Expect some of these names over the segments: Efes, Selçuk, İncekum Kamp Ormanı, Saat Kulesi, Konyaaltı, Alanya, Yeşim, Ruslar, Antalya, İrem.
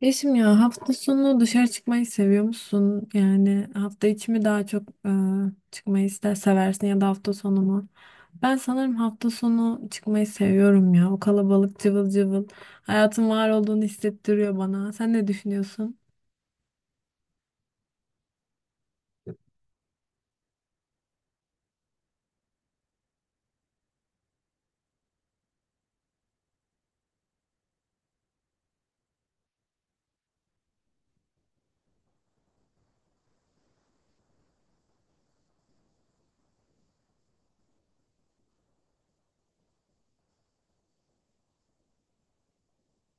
Yeşim ya, hafta sonu dışarı çıkmayı seviyor musun? Yani hafta içi mi daha çok çıkmayı ister seversin, ya da hafta sonu mu? Ben sanırım hafta sonu çıkmayı seviyorum ya. O kalabalık cıvıl cıvıl hayatın var olduğunu hissettiriyor bana. Sen ne düşünüyorsun?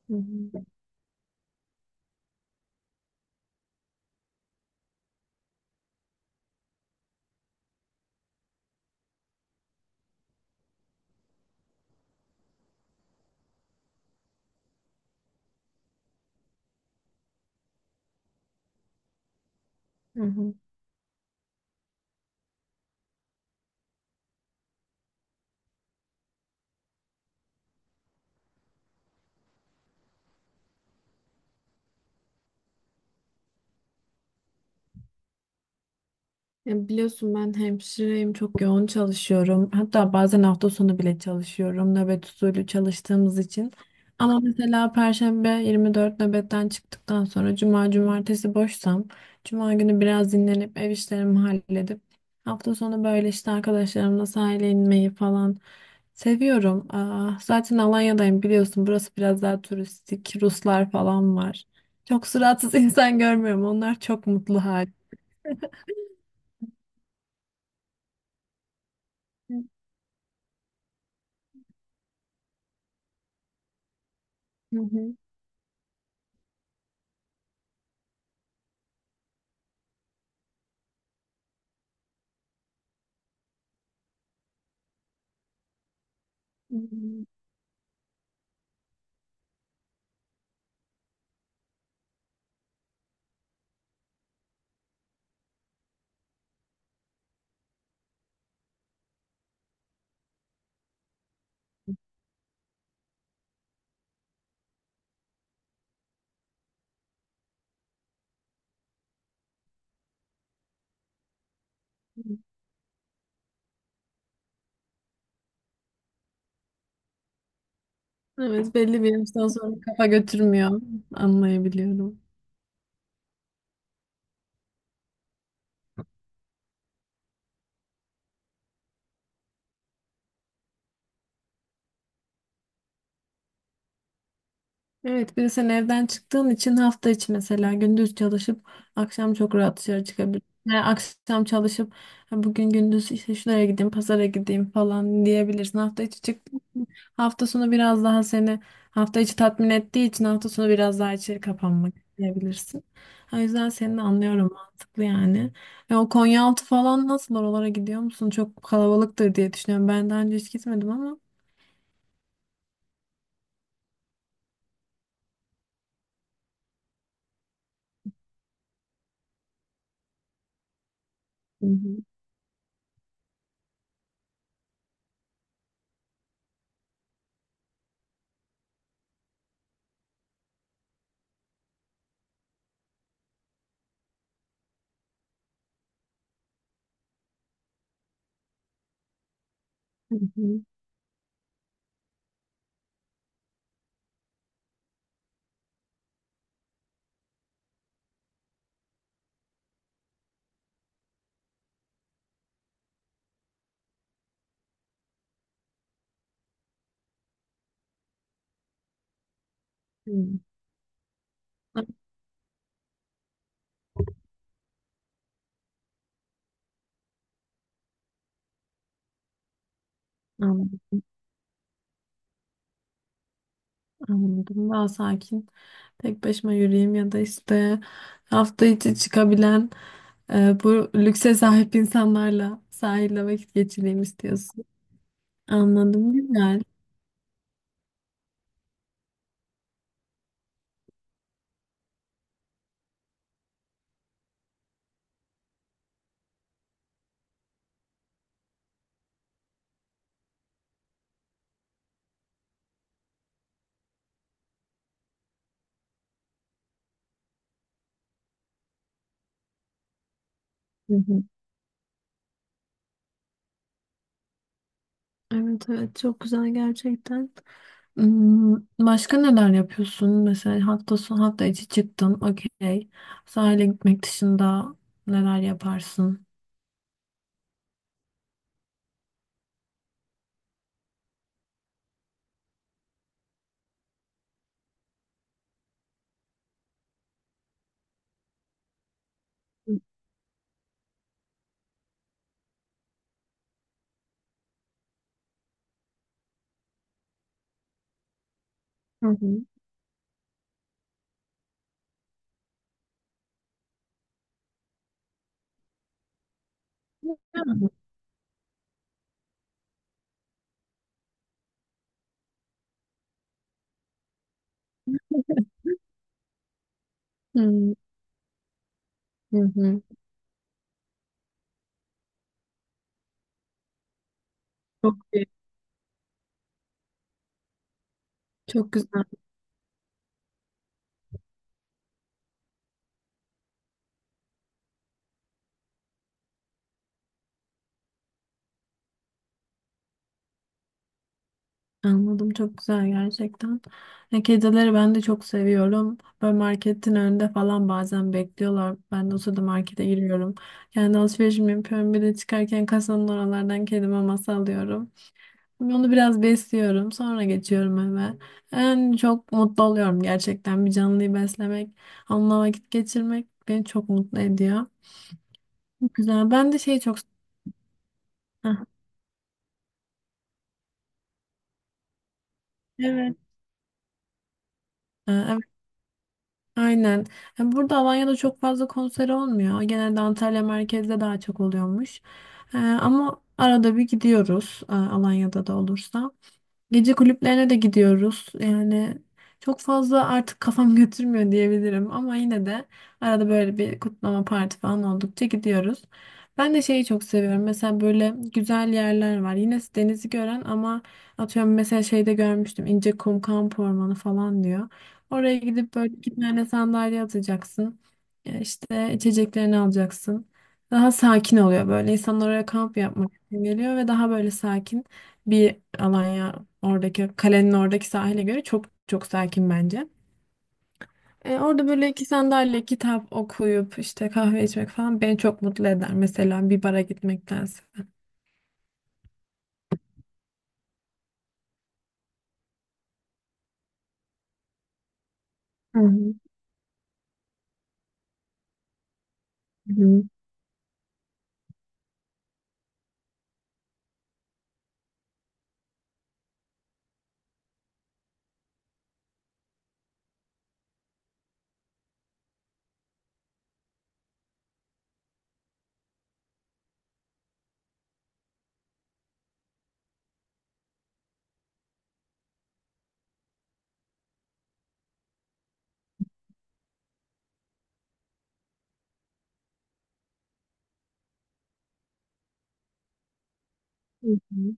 Hı hı. Hı hı. Ya biliyorsun, ben hemşireyim, çok yoğun çalışıyorum. Hatta bazen hafta sonu bile çalışıyorum, nöbet usulü çalıştığımız için. Ama mesela Perşembe 24 nöbetten çıktıktan sonra Cuma, Cumartesi boşsam, Cuma günü biraz dinlenip ev işlerimi halledip hafta sonu böyle işte arkadaşlarımla sahile inmeyi falan seviyorum. Aa, zaten Alanya'dayım, biliyorsun, burası biraz daha turistik, Ruslar falan var. Çok suratsız insan görmüyorum. Onlar çok mutlu. Hı hı. Evet, belli bir yaştan sonra kafa götürmüyor. Anlayabiliyorum. Evet, bir de sen evden çıktığın için hafta içi mesela gündüz çalışıp akşam çok rahat dışarı çıkabilirsin. Yani akşam çalışıp "Ha, bugün gündüz işte şuraya gideyim, pazara gideyim" falan diyebilirsin. Hafta içi çıktığın için hafta sonu biraz daha seni hafta içi tatmin ettiği için hafta sonu biraz daha içeri kapanmak isteyebilirsin. O yüzden seni de anlıyorum, mantıklı yani. O Konyaaltı falan nasıl, oralara gidiyor musun? Çok kalabalıktır diye düşünüyorum. Ben daha önce hiç gitmedim ama. Hı hı, hı hı, hı. Anladım. Anladım. Daha sakin. Tek başıma yürüyeyim ya da işte hafta içi çıkabilen bu lükse sahip insanlarla sahilde vakit geçireyim istiyorsun. Anladım. Güzel. Hı hı. Evet evet, çok güzel gerçekten. Hmm. Başka neler yapıyorsun? Mesela hafta sonu, hafta içi çıktın. Okey. Sahile gitmek dışında neler yaparsın? Hı hı. Hı hı. Hı hı. Çok iyi. Çok güzel. Anladım, çok güzel gerçekten. Ya, kedileri ben de çok seviyorum. Böyle marketin önünde falan bazen bekliyorlar. Ben de o sırada markete giriyorum. Kendi alışverişimi yapıyorum. Bir de çıkarken kasanın oralardan kedi maması alıyorum. Onu biraz besliyorum. Sonra geçiyorum eve. En çok mutlu oluyorum gerçekten. Bir canlıyı beslemek, onunla vakit geçirmek beni çok mutlu ediyor. Güzel. Ben de şeyi çok... Heh. Evet. Ee, Aynen. Ya, burada Alanya'da çok fazla konser olmuyor. Genelde Antalya merkezde daha çok oluyormuş. Ama arada bir gidiyoruz, Alanya'da da olursa. Gece kulüplerine de gidiyoruz. Yani çok fazla artık kafam götürmüyor diyebilirim, ama yine de arada böyle bir kutlama, parti falan oldukça gidiyoruz. Ben de şeyi çok seviyorum. Mesela böyle güzel yerler var. Yine denizi gören ama, atıyorum mesela, şeyde görmüştüm. İncekum Kamp Ormanı falan diyor. Oraya gidip böyle iki tane sandalye atacaksın. E, İşte içeceklerini alacaksın. Daha sakin oluyor böyle. İnsanlar oraya kamp yapmak için geliyor ve daha böyle sakin bir Alanya, oradaki kalenin oradaki sahile göre çok çok sakin bence. Orada böyle iki sandalye kitap okuyup işte kahve içmek falan beni çok mutlu eder. Mesela bir bara gitmektense. Hı hı, hı hı, hı hı,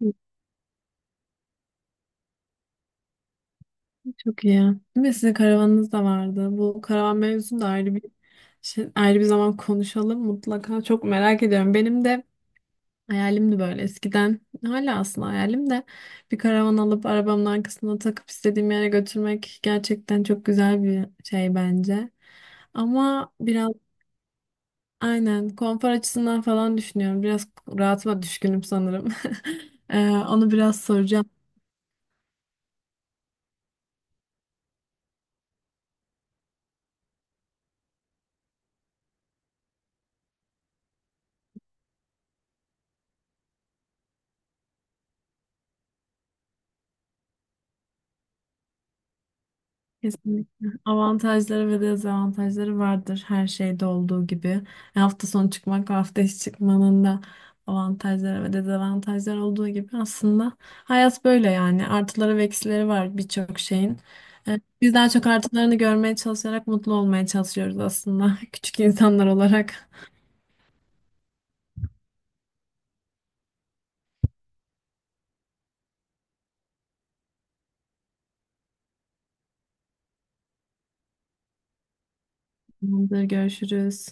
hı. Çok iyi. Değil mi? Sizin karavanınız da vardı. Bu karavan mevzusunu da ayrı bir şey, ayrı bir zaman konuşalım mutlaka. Çok merak ediyorum. Benim de hayalimdi böyle eskiden. Hala aslında hayalim de bir karavan alıp arabamın arkasına takıp istediğim yere götürmek gerçekten çok güzel bir şey bence. Ama biraz, aynen, konfor açısından falan düşünüyorum. Biraz rahatıma düşkünüm sanırım. Onu biraz soracağım. Kesinlikle. Avantajları ve dezavantajları vardır her şeyde olduğu gibi. E, hafta sonu çıkmak ve hafta içi çıkmanın da avantajları ve dezavantajları olduğu gibi, aslında hayat böyle yani. Artıları ve eksileri var birçok şeyin. Biz daha çok artılarını görmeye çalışarak mutlu olmaya çalışıyoruz aslında, küçük insanlar olarak. Tamamdır, görüşürüz.